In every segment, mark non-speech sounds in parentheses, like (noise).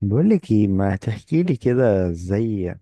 بقولك ايه ما تحكي لي كده ازاي؟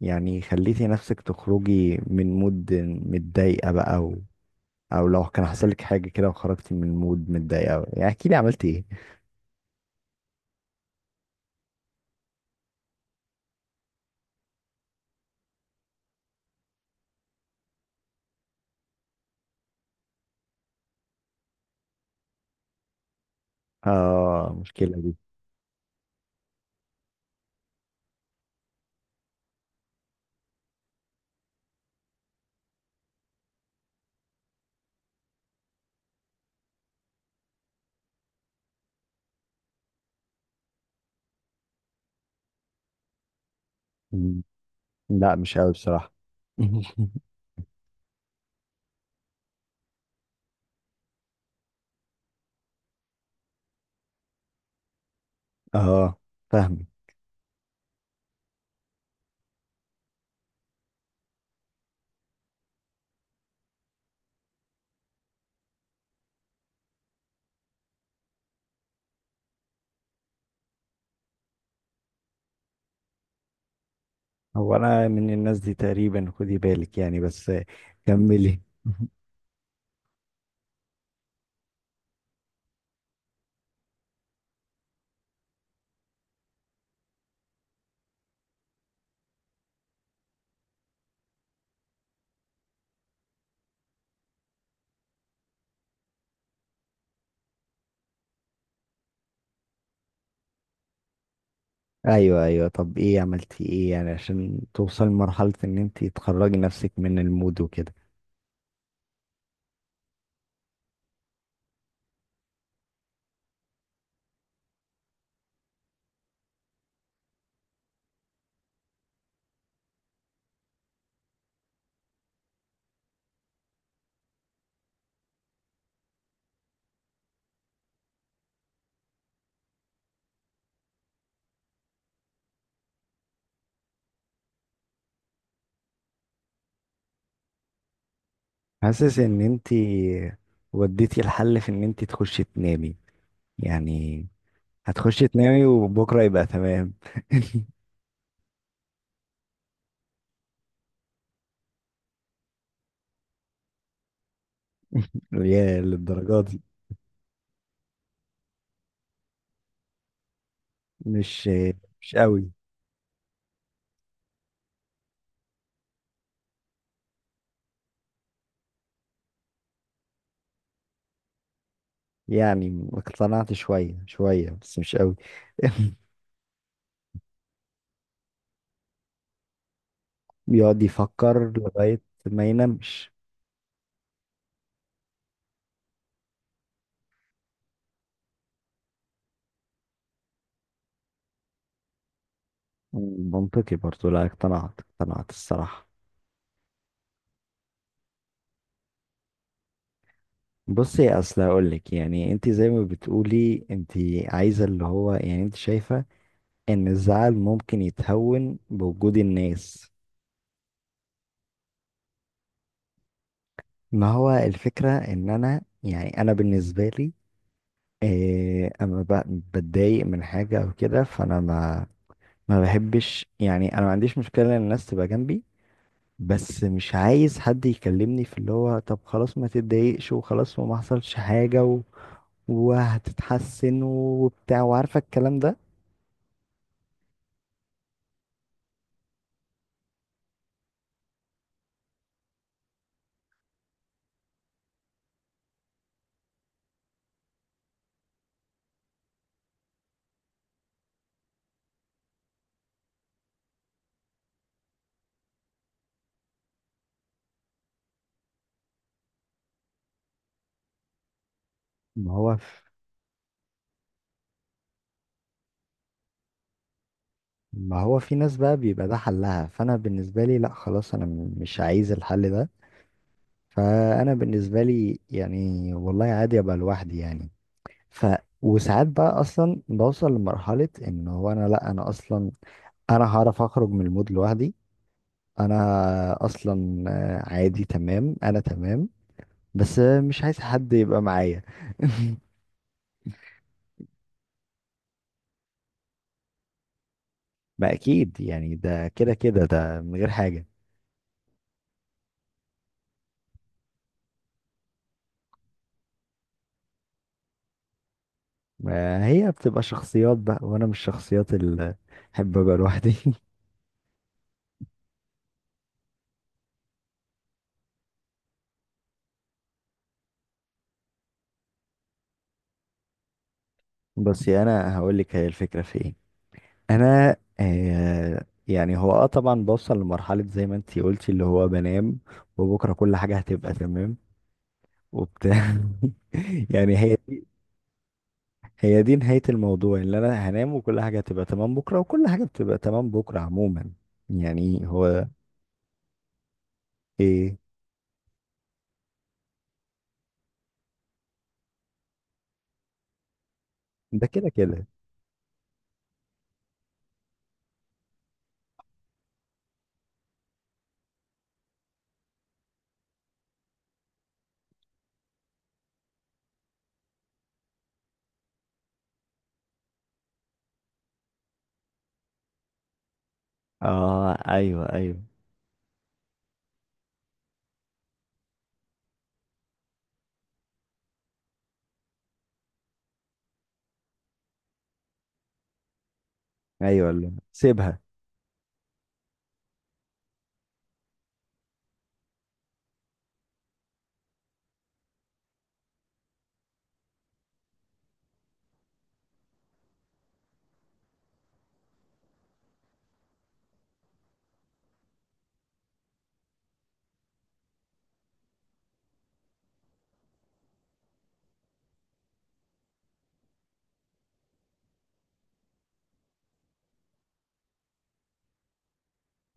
يعني خليتي نفسك تخرجي من مود متضايقة بقى، او لو كان حصل لك حاجة كده وخرجتي من مود متضايقة، يعني احكي لي عملتي ايه؟ اه المشكلة دي. مم. لا، مش قوي بصراحة. (laughs) اه، فاهم. هو انا من الناس دي تقريبا، خدي بالك يعني، بس كملي. (laughs) ايوه ايوه، طب ايه عملتي ايه يعني عشان توصل لمرحلة ان انت تخرجي نفسك من المود وكده؟ حاسس ان انت وديتي الحل في ان انت تخشي تنامي، يعني هتخشي تنامي وبكره يبقى تمام. (laughs) يا للدرجه دي! مش مش قوي. يعني اقتنعت شويه شويه، بس مش قوي. (laughs) بيقعد يفكر لغايه ما ينامش. منطقي برضو، لا اقتنعت اقتنعت الصراحه. بصي، اصل هقول لك يعني، انت زي ما بتقولي، انت عايزه اللي هو يعني، انت شايفه ان الزعل ممكن يتهون بوجود الناس. ما هو الفكرة ان انا، يعني انا بالنسبة لي اما بتضايق من حاجة او كده، فانا ما بحبش. يعني انا ما عنديش مشكلة ان الناس تبقى جنبي، بس مش عايز حد يكلمني في اللي هو طب خلاص ما تتضايقش وخلاص وما حصلش حاجة وهتتحسن وبتاع، وعارفة الكلام ده. ما هو ما هو في ناس بقى بيبقى ده حلها، فانا بالنسبة لي لا، خلاص انا مش عايز الحل ده. فانا بالنسبه لي يعني والله عادي ابقى لوحدي يعني. ف وساعات بقى اصلا بوصل لمرحله ان هو انا، لا انا اصلا انا هعرف اخرج من المود لوحدي. انا اصلا عادي تمام، انا تمام، بس مش عايز حد يبقى معايا. ما اكيد يعني، ده كده كده ده من غير حاجه. ما هي بتبقى شخصيات بقى، وانا مش الشخصيات اللي احب ابقى لوحدي. (laughs) بس انا هقول لك هي الفكره في ايه. انا يعني هو طبعا بوصل لمرحلة زي ما انتي قلتي اللي هو بنام، وبكرة كل حاجة هتبقى تمام وبتاع. (laughs) يعني هي دي نهاية الموضوع اللي انا هنام وكل حاجة هتبقى تمام بكرة، وكل حاجة بتبقى تمام بكرة عموما. يعني هو ايه. ده كده كده. اه ايوه ايوه ايوه، اللي سيبها.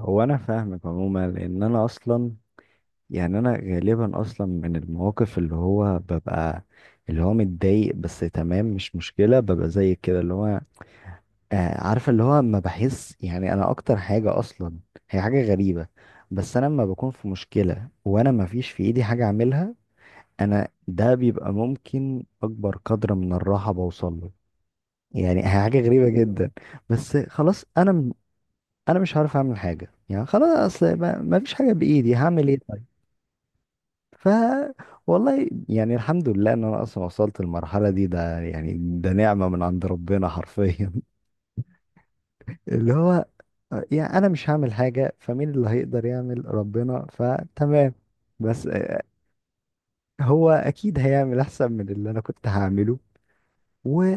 هو انا فاهمك عموما، لان انا اصلا يعني انا غالبا اصلا من المواقف اللي هو ببقى اللي هو متضايق، بس تمام مش مشكلة، ببقى زي كده اللي هو عارفة اللي هو ما بحس، يعني انا اكتر حاجة اصلا هي حاجة غريبة. بس انا لما بكون في مشكلة وانا ما فيش في ايدي حاجة اعملها، انا ده بيبقى ممكن اكبر قدر من الراحة بوصل له. يعني هي حاجة غريبة جدا. بس خلاص انا انا مش عارف اعمل حاجة، يعني خلاص اصل ما فيش حاجة بايدي، هعمل ايه؟ ف والله يعني الحمد لله ان انا اصلا وصلت المرحله دي، ده يعني ده نعمه من عند ربنا حرفيا. (laughs) اللي هو يعني انا مش هعمل حاجه، فمين اللي هيقدر يعمل؟ ربنا، فتمام. بس هو اكيد هيعمل احسن من اللي انا كنت هعمله. و...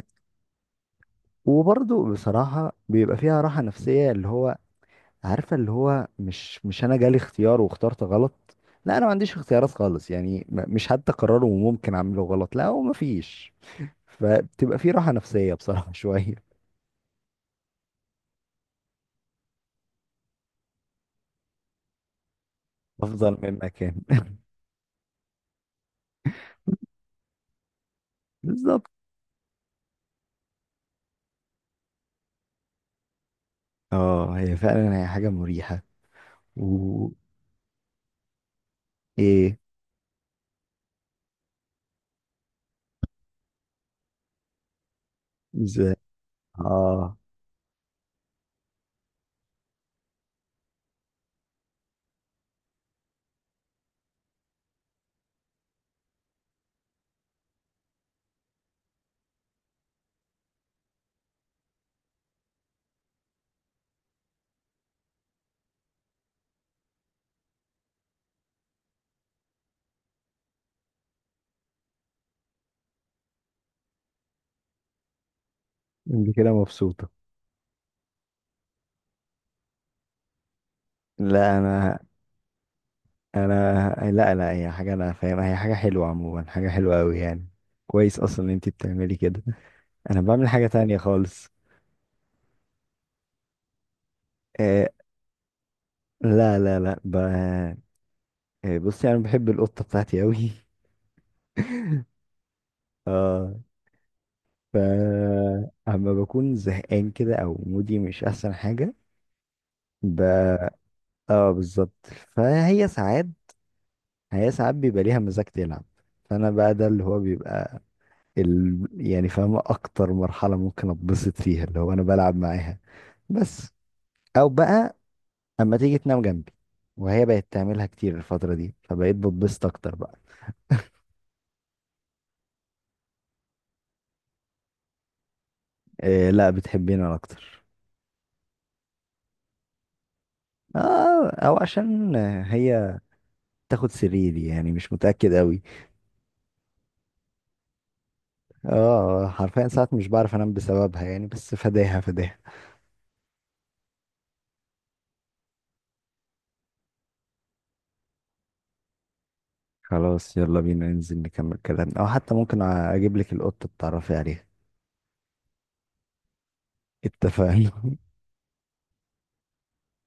وبرضه بصراحه بيبقى فيها راحه نفسيه اللي هو، عارفه اللي هو مش انا جالي اختيار واخترت غلط، لا، انا ما عنديش اختيارات خالص، يعني مش حتى قراره وممكن اعمله غلط، لا هو ما فيش. فبتبقى في راحة نفسية بصراحة، (laughs) شوية أفضل من مكان. (laughs) بالظبط. اه، هي فعلا هي حاجة مريحة. و ايه؟ ازاي؟ اه، انت كده مبسوطة؟ لا انا. لا لا، هي حاجة انا فاهمها، هي حاجة حلوة عموما، حاجة حلوة قوي يعني. كويس اصلا ان انت بتعملي كده. انا بعمل حاجة تانية خالص. آه لا لا لا، بصي انا بحب القطة بتاعتي قوي. اه، ف اما بكون زهقان كده او مودي مش احسن حاجة. ب... اه بالظبط. فهي ساعات هي ساعات بيبقى ليها مزاج تلعب. فانا بقى، ده اللي هو بيبقى يعني فاهم اكتر مرحلة ممكن اتبسط فيها اللي هو انا بلعب معاها. بس او بقى اما تيجي تنام جنبي، وهي بقت تعملها كتير الفترة دي، فبقيت بتبسط اكتر بقى. إيه لا، بتحبني انا اكتر. اه او عشان هي تاخد سريري، يعني مش متأكد قوي. اه حرفيا ساعات مش بعرف انام بسببها، يعني بس فداها فداها. خلاص يلا بينا ننزل نكمل كلامنا، او حتى ممكن اجيب لك القطة تتعرفي عليها. اتفقنا. (laughs)